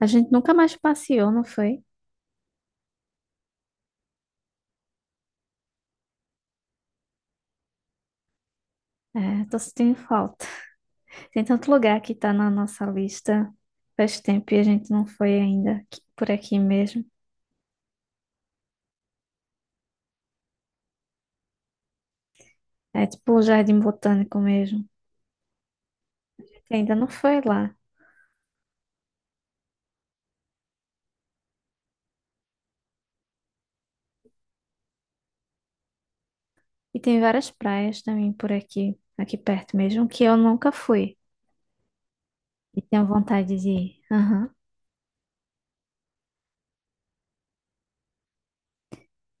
A gente nunca mais passeou, não foi? É, tô sentindo falta. Tem tanto lugar que tá na nossa lista faz tempo e a gente não foi ainda por aqui mesmo. É tipo o Jardim Botânico mesmo. Ainda não foi lá. E tem várias praias também por aqui, aqui perto mesmo, que eu nunca fui. E tenho vontade de ir. Aham.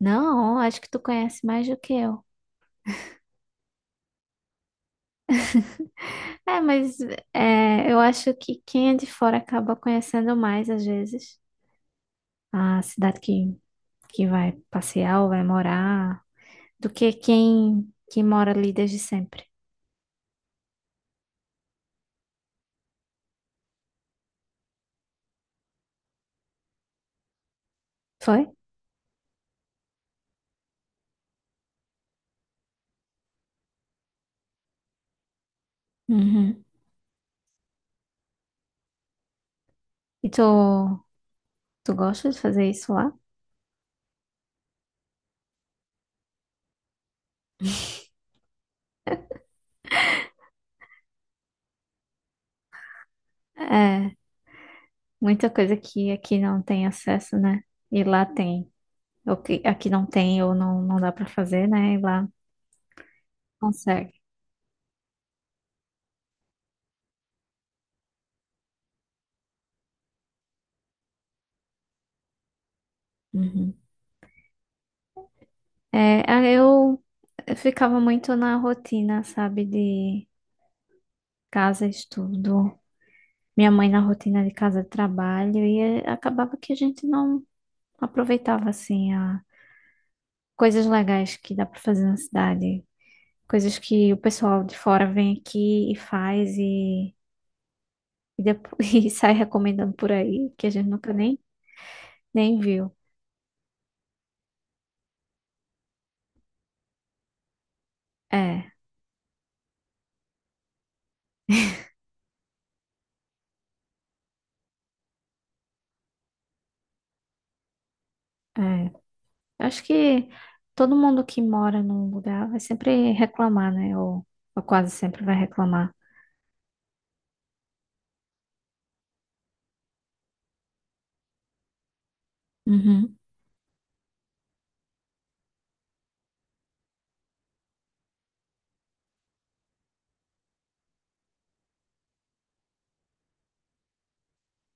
Não, acho que tu conhece mais do que eu. É, mas eu acho que quem é de fora acaba conhecendo mais às vezes. A cidade que vai passear ou vai morar, do que quem que mora ali desde sempre. Foi? Uhum. E tu gosta de fazer isso lá? É, muita coisa que aqui não tem acesso, né? E lá tem. O que aqui não tem ou não dá pra fazer, né? E lá consegue. Uhum. É, ah, eu eu ficava muito na rotina, sabe, de casa, estudo. Minha mãe na rotina de casa, trabalho, e acabava que a gente não aproveitava assim a coisas legais que dá para fazer na cidade, coisas que o pessoal de fora vem aqui e faz e depois, e sai recomendando por aí, que a gente nunca nem, nem viu. É, é. Acho que todo mundo que mora num lugar vai sempre reclamar, né? Ou quase sempre vai reclamar. Uhum.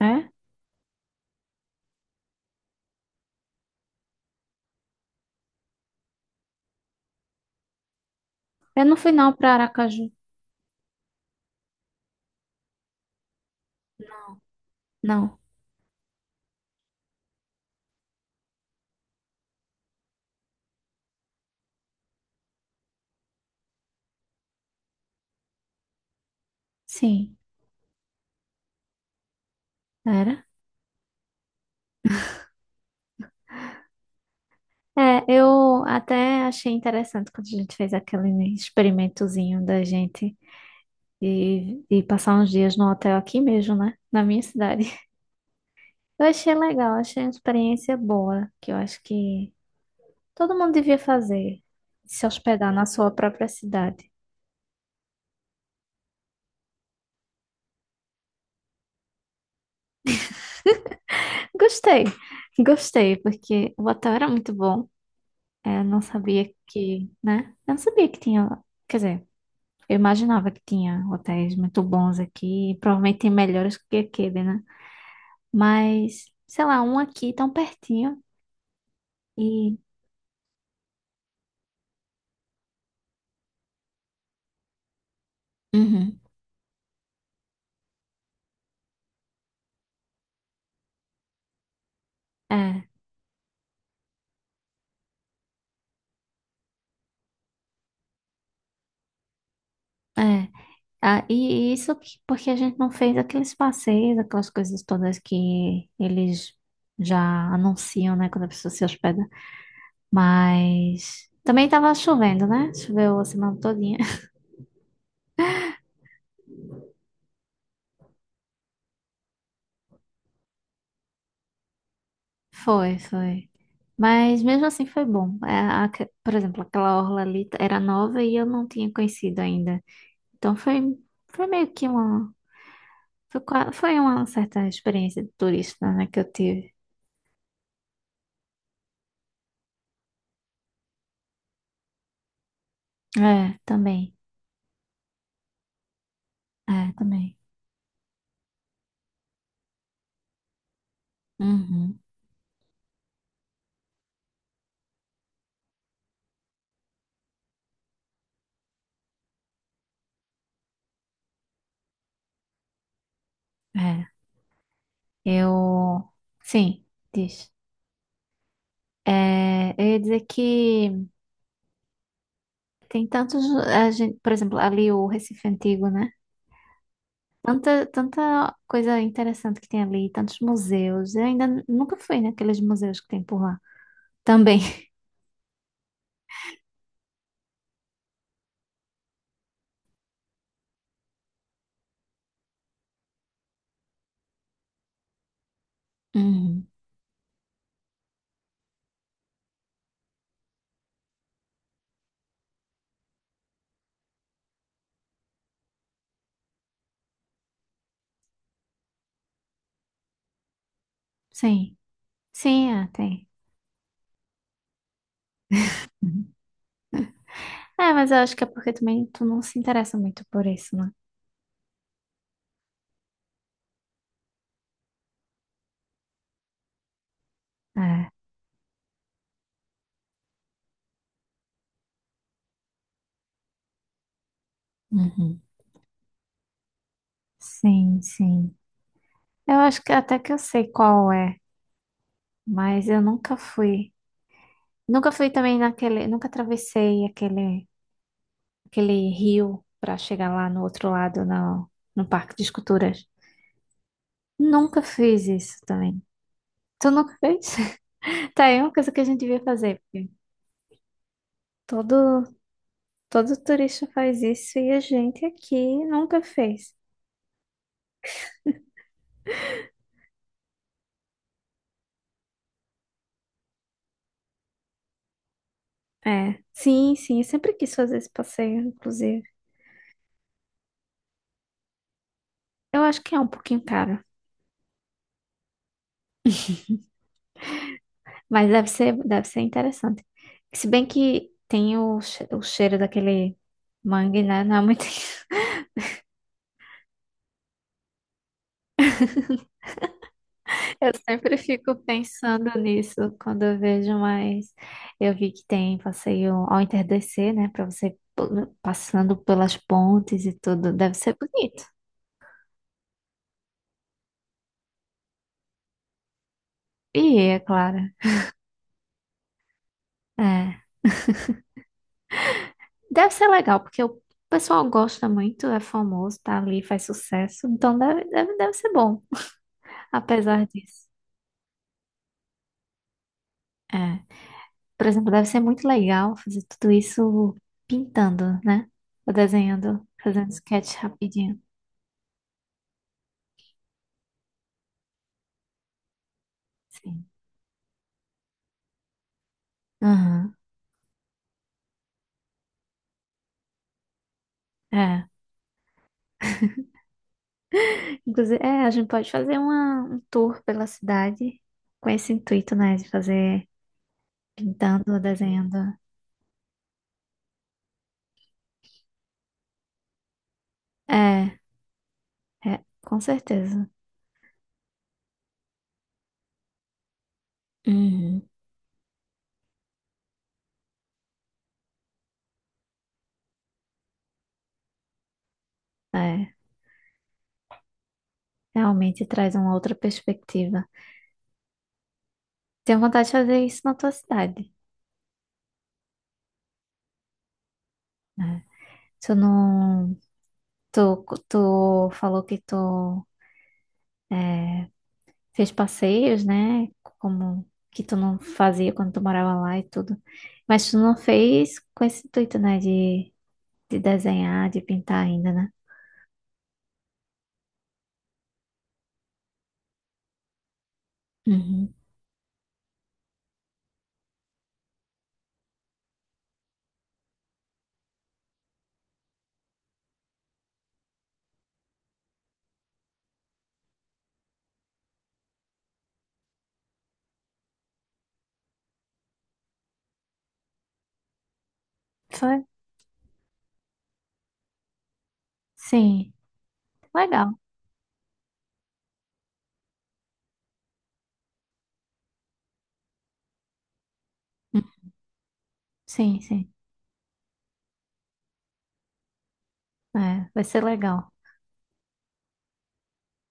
É? Eu não fui não para Aracaju. Não. Sim. Era? É, eu até achei interessante quando a gente fez aquele experimentozinho da gente de passar uns dias no hotel aqui mesmo, né? Na minha cidade. Eu achei legal, achei uma experiência boa, que eu acho que todo mundo devia fazer, se hospedar na sua própria cidade. Gostei, gostei, porque o hotel era muito bom. É, eu não sabia que, né? Eu não sabia que quer dizer, eu imaginava que tinha hotéis muito bons aqui, provavelmente melhores que aquele, né? Mas, sei lá, um aqui tão pertinho e. Uhum. É, é. Ah, e isso porque a gente não fez aqueles passeios, aquelas coisas todas que eles já anunciam, né, quando a pessoa se hospeda. Mas também tava chovendo, né? Choveu a semana todinha. Foi, foi. Mas mesmo assim foi bom. É, por exemplo, aquela orla ali era nova e eu não tinha conhecido ainda. Então foi meio que uma foi uma certa experiência de turista, né, que eu tive. É, também. É, também. Uhum. É. Eu. Sim, diz. É, eu ia dizer que tem tantos. A gente, por exemplo, ali o Recife Antigo, né? Tanta coisa interessante que tem ali, tantos museus. Eu ainda nunca fui naqueles museus que tem por lá. Também. Uhum. Sim. Sim, é, tem. Uhum. É, mas eu acho que é porque também tu não se interessa muito por isso, né? É. Uhum. Sim, sim. Eu acho que até que eu sei qual é, mas eu nunca fui. Nunca fui também nunca atravessei aquele rio para chegar lá no outro lado, no Parque de Esculturas. Nunca fiz isso também. Tu nunca fez? Tá, é uma coisa que a gente devia fazer, porque todo, todo turista faz isso e a gente aqui nunca fez. É, sim, sim, eu sempre quis fazer esse passeio, inclusive. Eu acho que é um pouquinho caro. Mas deve ser interessante. Se bem que tem o cheiro daquele mangue, né? Não é muito. Eu sempre fico pensando nisso quando eu vejo, mas eu vi que tem passeio ao entardecer, né? Pra você passando pelas pontes e tudo. Deve ser bonito. E é claro. É. Deve ser legal, porque o pessoal gosta muito, é famoso, tá ali, faz sucesso. Então deve ser bom, apesar disso. É. Por exemplo, deve ser muito legal fazer tudo isso pintando, né? Ou desenhando, fazendo sketch rapidinho. Sim. Aham. É. Inclusive, é, a gente pode fazer um tour pela cidade com esse intuito, né? De fazer pintando ou desenhando. É, é, com certeza. Uhum. É, realmente traz uma outra perspectiva. Tenho vontade de fazer isso na tua cidade, né? Tu não. Tu, tu falou que tu fez passeios, né? Como que tu não fazia quando tu morava lá e tudo. Mas tu não fez com esse intuito, né? De desenhar, de pintar ainda, né? Uhum. Foi? Sim. Legal. Hum, Sim, sim. É, vai ser legal.